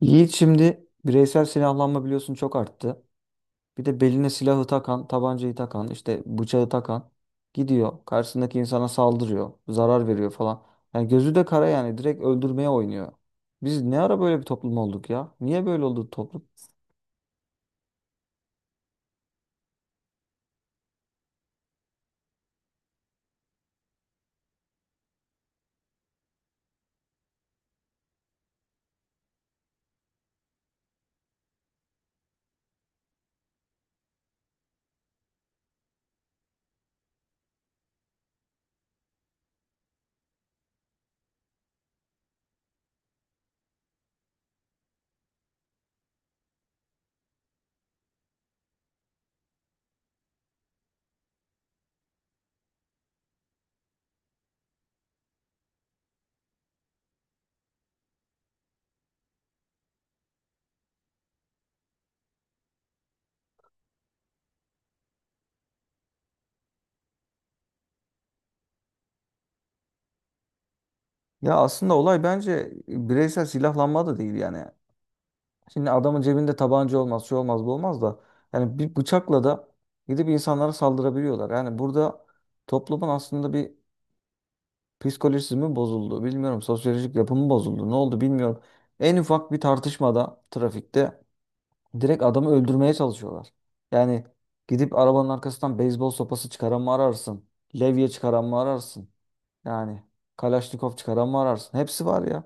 Yiğit, şimdi bireysel silahlanma biliyorsun, çok arttı. Bir de beline silahı takan, tabancayı takan, işte bıçağı takan gidiyor. Karşısındaki insana saldırıyor, zarar veriyor falan. Yani gözü de kara, yani direkt öldürmeye oynuyor. Biz ne ara böyle bir toplum olduk ya? Niye böyle oldu toplum? Ya, aslında olay bence bireysel silahlanma da değil yani. Şimdi adamın cebinde tabanca olmaz, şu olmaz, bu olmaz da. Yani bir bıçakla da gidip insanlara saldırabiliyorlar. Yani burada toplumun aslında bir psikolojisi mi bozuldu bilmiyorum. Sosyolojik yapımı bozuldu. Ne oldu bilmiyorum. En ufak bir tartışmada trafikte direkt adamı öldürmeye çalışıyorlar. Yani gidip arabanın arkasından beyzbol sopası çıkaran mı ararsın? Levye çıkaran mı ararsın? Yani Kalaşnikov çıkaran mı ararsın? Hepsi var ya.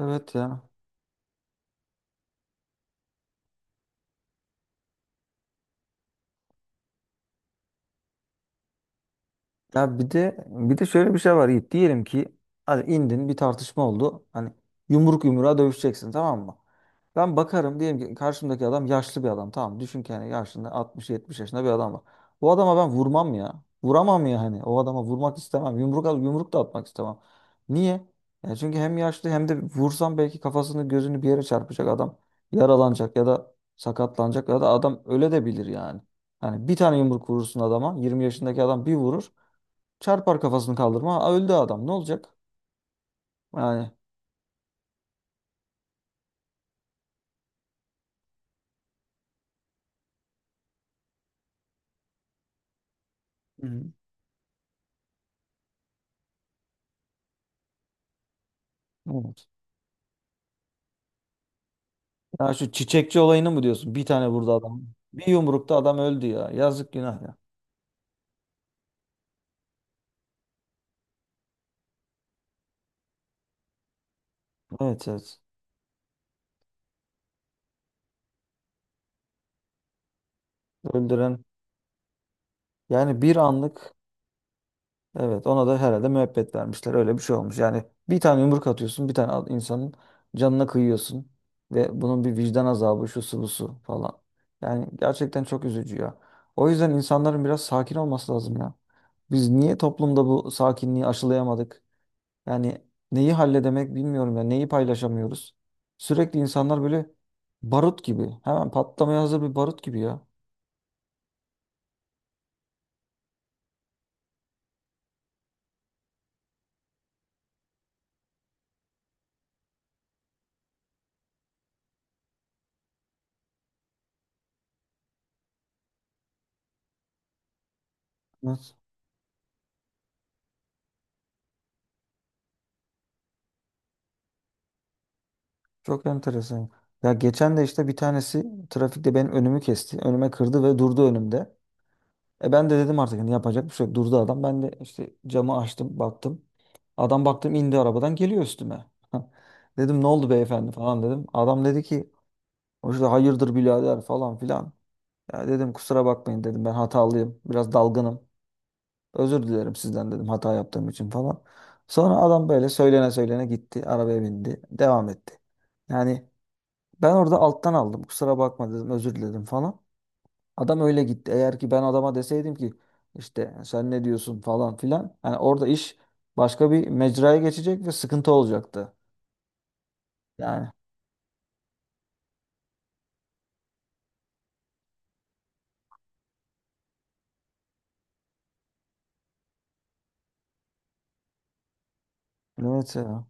Evet ya. Ya bir de şöyle bir şey var, Yiğit. Diyelim ki hadi indin, bir tartışma oldu. Hani yumruk yumruğa dövüşeceksin, tamam mı? Ben bakarım, diyelim ki karşımdaki adam yaşlı bir adam. Tamam, düşün ki yani yaşında 60-70 yaşında bir adam var. Bu adama ben vurmam ya. Vuramam ya hani. O adama vurmak istemem. Yumruk al, yumruk da atmak istemem. Niye? Ya çünkü hem yaşlı, hem de vursam belki kafasını gözünü bir yere çarpacak adam. Yaralanacak ya da sakatlanacak ya da adam öle de bilir yani. Yani bir tane yumruk vurursun adama. 20 yaşındaki adam bir vurur. Çarpar kafasını kaldırma. Aa, öldü adam. Ne olacak? Yani. Hı. Evet. Ya şu çiçekçi olayını mı diyorsun? Bir tane vurdu adam. Bir yumrukta adam öldü ya. Yazık, günah ya. Evet, evet. Öldüren. Yani bir anlık. Evet, ona da herhalde müebbet vermişler. Öyle bir şey olmuş. Yani bir tane yumruk atıyorsun. Bir tane insanın canına kıyıyorsun. Ve bunun bir vicdan azabı, şu su bu su falan. Yani gerçekten çok üzücü ya. O yüzden insanların biraz sakin olması lazım ya. Biz niye toplumda bu sakinliği aşılayamadık? Yani neyi halledemek bilmiyorum ya. Neyi paylaşamıyoruz. Sürekli insanlar böyle barut gibi. Hemen patlamaya hazır bir barut gibi ya. Evet. Çok enteresan. Ya geçen de işte bir tanesi trafikte benim önümü kesti. Önüme kırdı ve durdu önümde. E, ben de dedim artık hani yapacak bir şey yok. Durdu adam. Ben de işte camı açtım, baktım. Adam, baktım indi arabadan, geliyor üstüme. Dedim ne oldu beyefendi falan dedim. Adam dedi ki o işte hayırdır birader falan filan. Ya dedim kusura bakmayın dedim, ben hatalıyım. Biraz dalgınım. Özür dilerim sizden dedim, hata yaptığım için falan. Sonra adam böyle söylene söylene gitti. Arabaya bindi. Devam etti. Yani ben orada alttan aldım. Kusura bakma dedim, özür diledim falan. Adam öyle gitti. Eğer ki ben adama deseydim ki işte sen ne diyorsun falan filan. Yani orada iş başka bir mecraya geçecek ve sıkıntı olacaktı. Yani. Evet ya.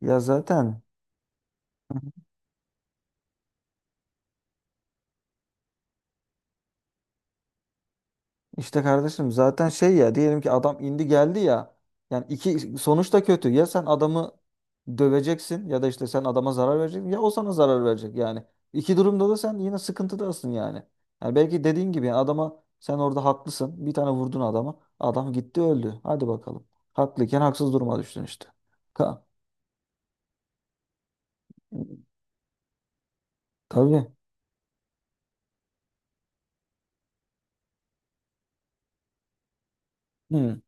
Ya zaten. İşte kardeşim zaten şey ya, diyelim ki adam indi geldi ya, yani iki sonuç da kötü ya. Sen adamı döveceksin ya da işte sen adama zarar vereceksin ya o sana zarar verecek yani, iki durumda da sen yine sıkıntıdasın yani. Yani belki dediğin gibi yani adama sen orada haklısın, bir tane vurdun adama, adam gitti öldü, hadi bakalım, haklıyken haksız duruma düştün işte. Ka- Tabii. Hı.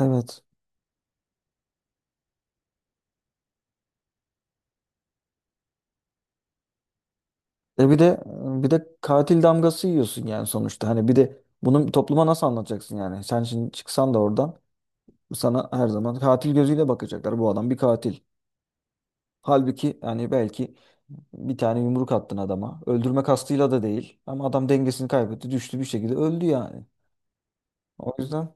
Evet. E bir de katil damgası yiyorsun yani sonuçta. Hani bir de bunu topluma nasıl anlatacaksın yani? Sen şimdi çıksan da oradan sana her zaman katil gözüyle bakacaklar. Bu adam bir katil. Halbuki yani belki bir tane yumruk attın adama. Öldürme kastıyla da değil. Ama adam dengesini kaybetti. Düştü, bir şekilde öldü yani. O yüzden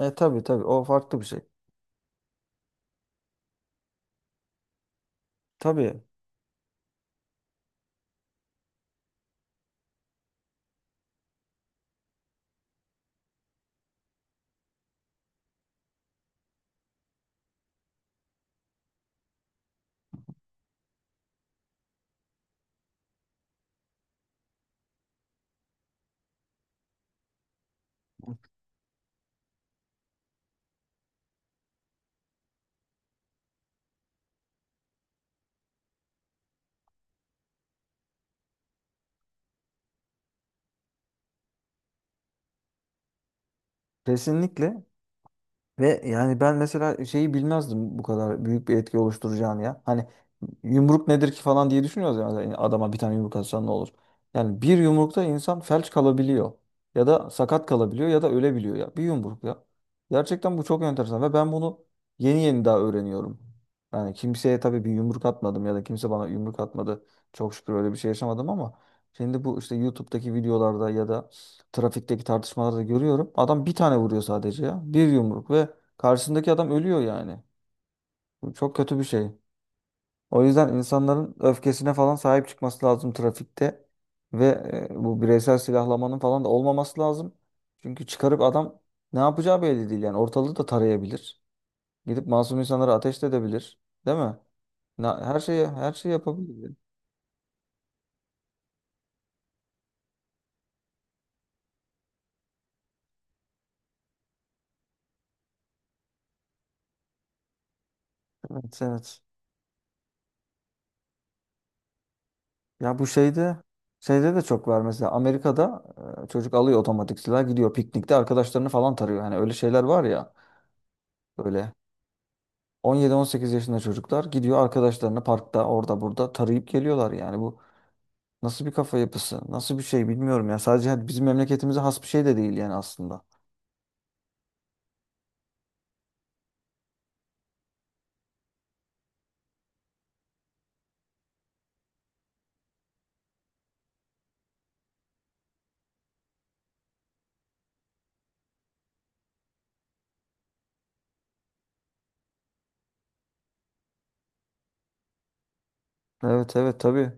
tabii, tabii, o farklı bir şey. Tabii. Kesinlikle. Ve yani ben mesela şeyi bilmezdim bu kadar büyük bir etki oluşturacağını ya. Hani yumruk nedir ki falan diye düşünüyoruz ya. Yani adama bir tane yumruk atsan ne olur. Yani bir yumrukta insan felç kalabiliyor ya da sakat kalabiliyor ya da ölebiliyor ya. Bir yumruk ya. Gerçekten bu çok enteresan ve ben bunu yeni yeni daha öğreniyorum. Yani kimseye tabii bir yumruk atmadım ya da kimse bana yumruk atmadı. Çok şükür öyle bir şey yaşamadım, ama şimdi bu işte YouTube'daki videolarda ya da trafikteki tartışmalarda da görüyorum. Adam bir tane vuruyor sadece ya. Bir yumruk ve karşısındaki adam ölüyor yani. Bu çok kötü bir şey. O yüzden insanların öfkesine falan sahip çıkması lazım trafikte. Ve bu bireysel silahlamanın falan da olmaması lazım. Çünkü çıkarıp adam ne yapacağı belli değil yani. Ortalığı da tarayabilir. Gidip masum insanlara ateş de edebilir. Değil mi? Her şeyi her şeyi yapabilir. Evet, evet. Ya bu şeyde de çok var mesela Amerika'da, çocuk alıyor otomatik silah, gidiyor piknikte arkadaşlarını falan tarıyor. Hani öyle şeyler var ya, böyle 17-18 yaşında çocuklar gidiyor, arkadaşlarını parkta orada burada tarayıp geliyorlar. Yani bu nasıl bir kafa yapısı, nasıl bir şey bilmiyorum ya. Sadece hani bizim memleketimize has bir şey de değil yani aslında. Evet, evet, tabii.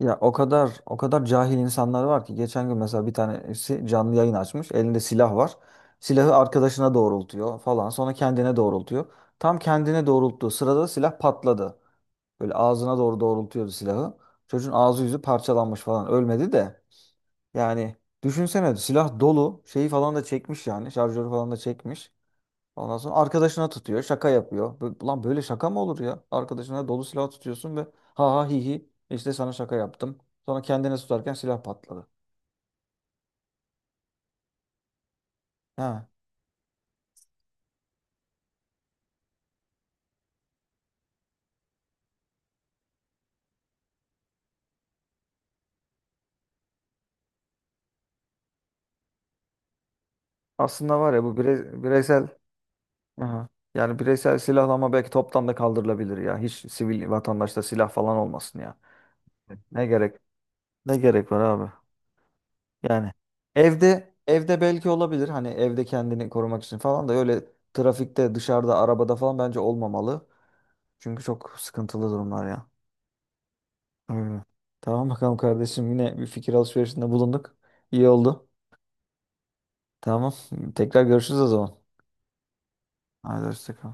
Ya o kadar o kadar cahil insanlar var ki geçen gün mesela bir tanesi canlı yayın açmış. Elinde silah var. Silahı arkadaşına doğrultuyor falan. Sonra kendine doğrultuyor. Tam kendine doğrulttuğu sırada silah patladı. Böyle ağzına doğru doğrultuyordu silahı. Çocuğun ağzı yüzü parçalanmış falan. Ölmedi de. Yani düşünsene silah dolu. Şeyi falan da çekmiş yani. Şarjörü falan da çekmiş. Ondan sonra arkadaşına tutuyor, şaka yapıyor. Lan böyle şaka mı olur ya? Arkadaşına dolu silah tutuyorsun ve ha ha hi hi işte sana şaka yaptım. Sonra kendine tutarken silah patladı. Ha. Aslında var ya bu bireysel. Aha. Yani bireysel silahlama belki toptan da kaldırılabilir ya. Hiç sivil vatandaşta silah falan olmasın ya. Evet. Ne gerek var abi? Yani evde belki olabilir. Hani evde kendini korumak için falan da öyle. Trafikte, dışarıda, arabada falan bence olmamalı. Çünkü çok sıkıntılı durumlar ya. Aynen. Tamam bakalım kardeşim, yine bir fikir alışverişinde bulunduk. İyi oldu. Tamam. Tekrar görüşürüz o zaman. Hadi, hoşça kal.